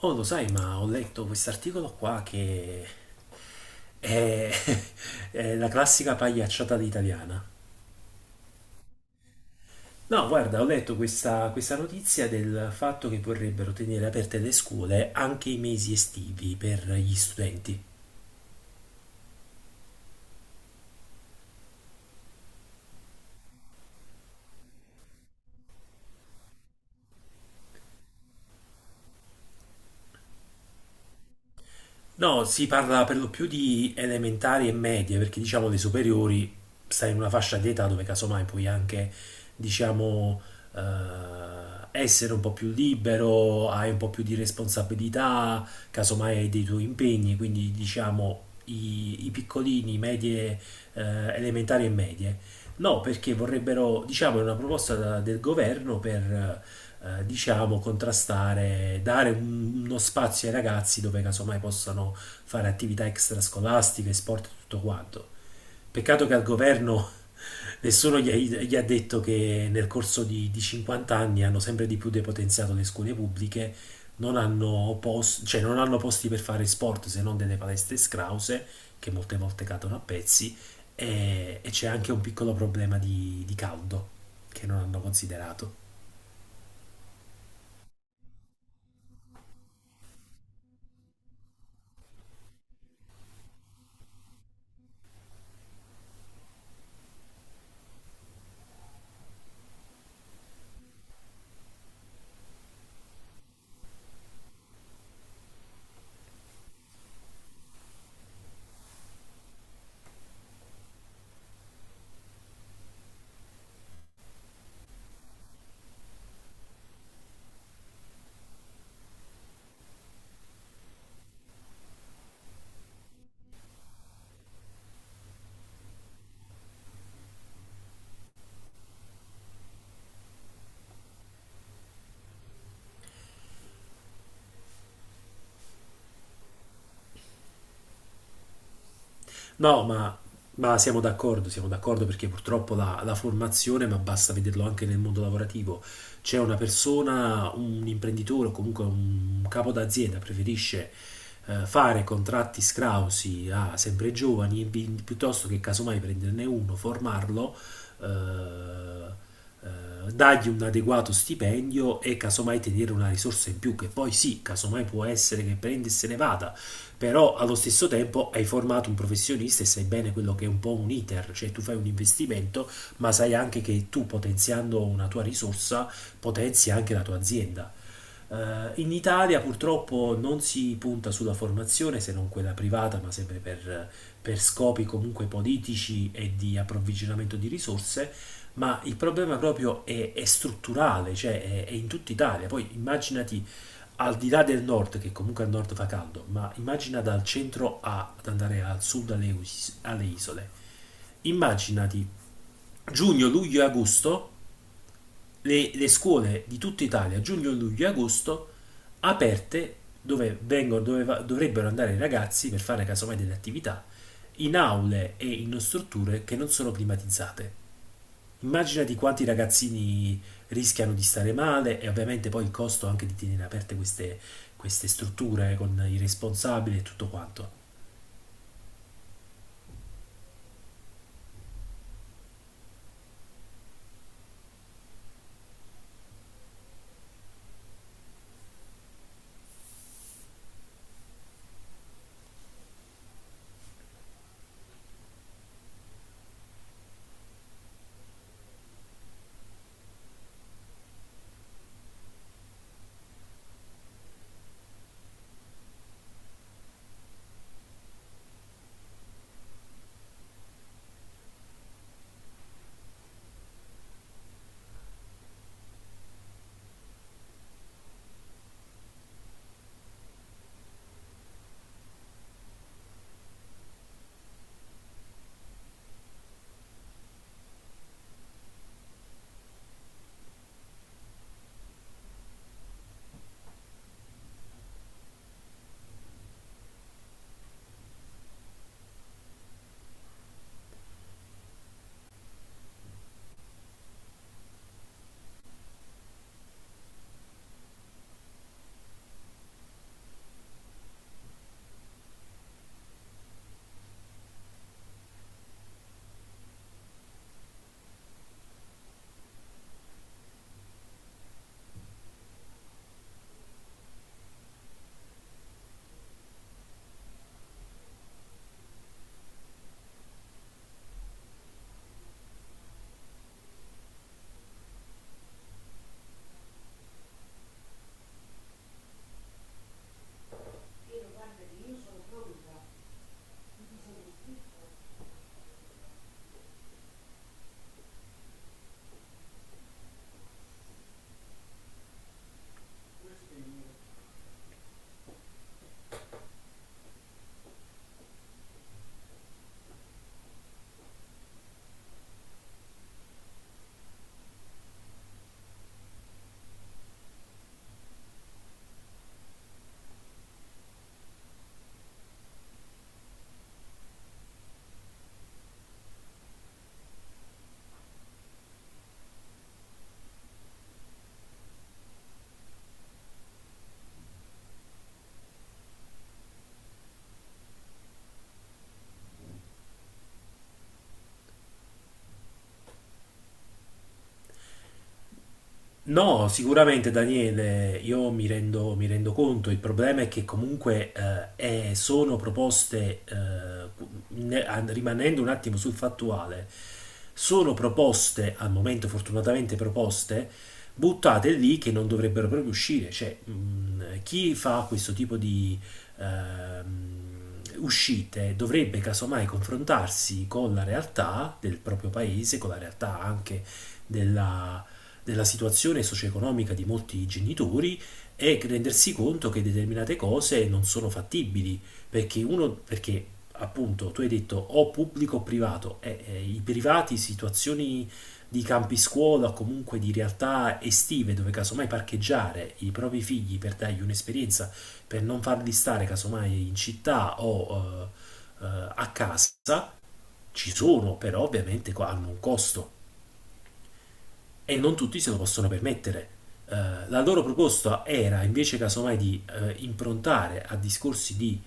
Oh, lo sai, ma ho letto quest'articolo qua è, è la classica pagliacciata italiana. No, guarda, ho letto questa notizia del fatto che vorrebbero tenere aperte le scuole anche i mesi estivi per gli studenti. No, si parla per lo più di elementari e medie, perché diciamo le superiori stai in una fascia di età dove casomai puoi anche, diciamo, eh, essere un po' più libero, hai un po' più di responsabilità, casomai hai dei tuoi impegni, quindi diciamo i piccolini, medie, eh, elementari e medie. No, perché vorrebbero, diciamo, è una proposta del governo per diciamo, contrastare, dare uno spazio ai ragazzi dove casomai possano fare attività extrascolastiche, sport e tutto quanto. Peccato che al governo nessuno gli ha detto che nel corso di 50 anni hanno sempre di più depotenziato le scuole pubbliche, non hanno, cioè non hanno posti per fare sport se non delle palestre scrause, che molte volte cadono a pezzi, e c'è anche un piccolo problema di caldo che non hanno considerato. No, ma siamo d'accordo perché purtroppo la formazione, ma basta vederlo anche nel mondo lavorativo, c'è una persona, un imprenditore o comunque un capo d'azienda preferisce fare contratti scrausi a sempre giovani e piuttosto che casomai prenderne uno, formarlo, eh, dargli un adeguato stipendio e casomai tenere una risorsa in più che poi sì, casomai può essere che prendi e se ne vada però allo stesso tempo hai formato un professionista e sai bene quello che è un po' un iter, cioè tu fai un investimento, ma sai anche che tu potenziando una tua risorsa potenzi anche la tua azienda. In Italia purtroppo non si punta sulla formazione se non quella privata, ma sempre per scopi comunque politici e di approvvigionamento di risorse, ma il problema proprio è strutturale, cioè è in tutta Italia. Poi immaginati al di là del nord, che comunque al nord fa caldo, ma immagina dal centro ad andare al sud alle, alle isole. Immaginati giugno, luglio e agosto, le scuole di tutta Italia, giugno, luglio e agosto, aperte dove, vengono, dove dovrebbero andare i ragazzi per fare casomai delle attività, in aule e in strutture che non sono climatizzate. Immaginati quanti ragazzini rischiano di stare male e ovviamente poi il costo anche di tenere aperte queste, queste strutture con i responsabili e tutto quanto. No, sicuramente Daniele, io mi rendo conto, il problema è che comunque sono proposte, rimanendo un attimo sul fattuale, sono proposte, al momento fortunatamente proposte, buttate lì che non dovrebbero proprio uscire. Cioè, chi fa questo tipo di uscite dovrebbe casomai confrontarsi con la realtà del proprio paese, con la realtà anche della della situazione socio-economica di molti genitori e rendersi conto che determinate cose non sono fattibili, perché uno, perché appunto tu hai detto o pubblico o privato, i privati, situazioni di campi scuola o comunque di realtà estive dove casomai parcheggiare i propri figli per dargli un'esperienza, per non farli stare casomai in città o a casa, ci sono, però ovviamente hanno un costo e non tutti se lo possono permettere. Eh, la loro proposta era invece casomai di improntare a discorsi di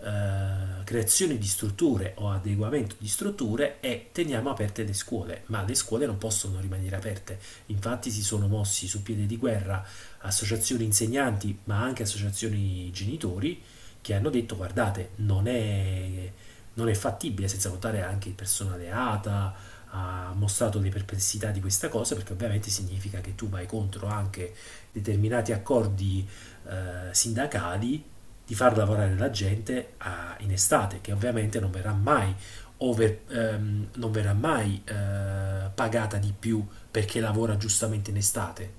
creazione di strutture o adeguamento di strutture e teniamo aperte le scuole, ma le scuole non possono rimanere aperte. Infatti si sono mossi su piede di guerra associazioni insegnanti, ma anche associazioni genitori che hanno detto guardate, non è fattibile senza contare anche il personale ATA, ha mostrato le perplessità di questa cosa perché ovviamente significa che tu vai contro anche determinati accordi sindacali di far lavorare la gente in estate, che ovviamente non verrà mai pagata di più perché lavora giustamente in estate,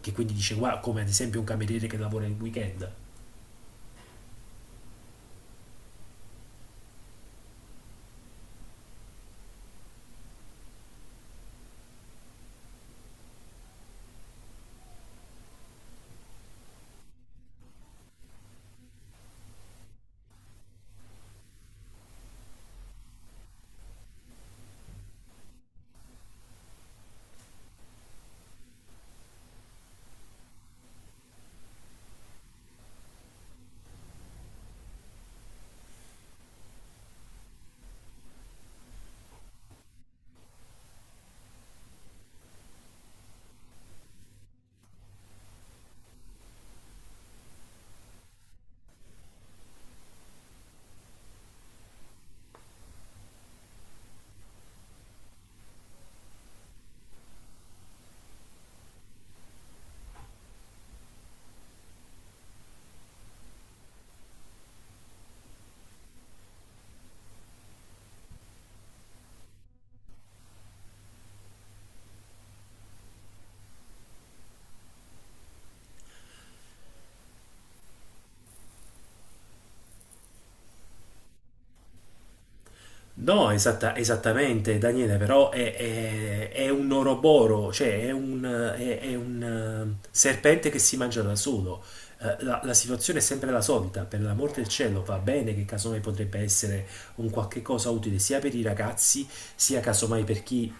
che quindi dice, "Guarda", come ad esempio un cameriere che lavora il weekend. No, esattamente, Daniele, però è un oroboro, è un, serpente che si mangia da solo. La situazione è sempre la solita, per l'amor del cielo va bene che casomai potrebbe essere un qualche cosa utile sia per i ragazzi, sia casomai per chi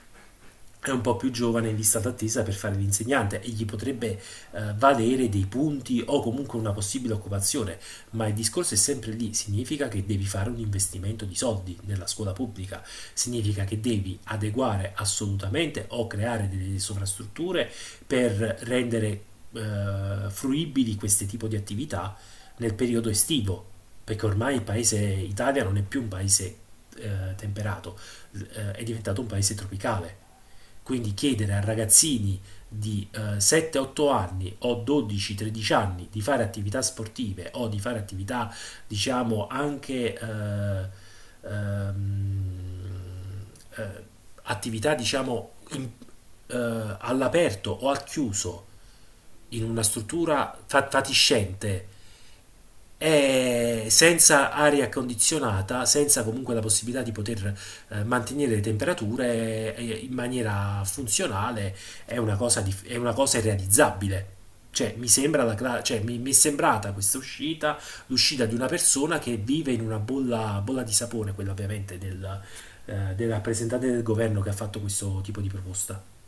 è un po' più giovane in lista d'attesa per fare l'insegnante e gli potrebbe valere dei punti o comunque una possibile occupazione, ma il discorso è sempre lì, significa che devi fare un investimento di soldi nella scuola pubblica, significa che devi adeguare assolutamente o creare delle sovrastrutture per rendere fruibili questo tipo di attività nel periodo estivo, perché ormai il paese Italia non è più un paese temperato, è diventato un paese tropicale quindi chiedere a ragazzini di 7-8 anni o 12-13 anni di fare attività sportive o di fare attività, diciamo, anche ehm, eh, attività, diciamo, all'aperto o al chiuso in una struttura fatiscente e senza aria condizionata, senza comunque la possibilità di poter mantenere le temperature in maniera funzionale, è una cosa, è una cosa irrealizzabile. Cioè, mi è sembrata questa uscita l'uscita di una persona che vive in una bolla, bolla di sapone, quella ovviamente del, del rappresentante del governo che ha fatto questo tipo di proposta.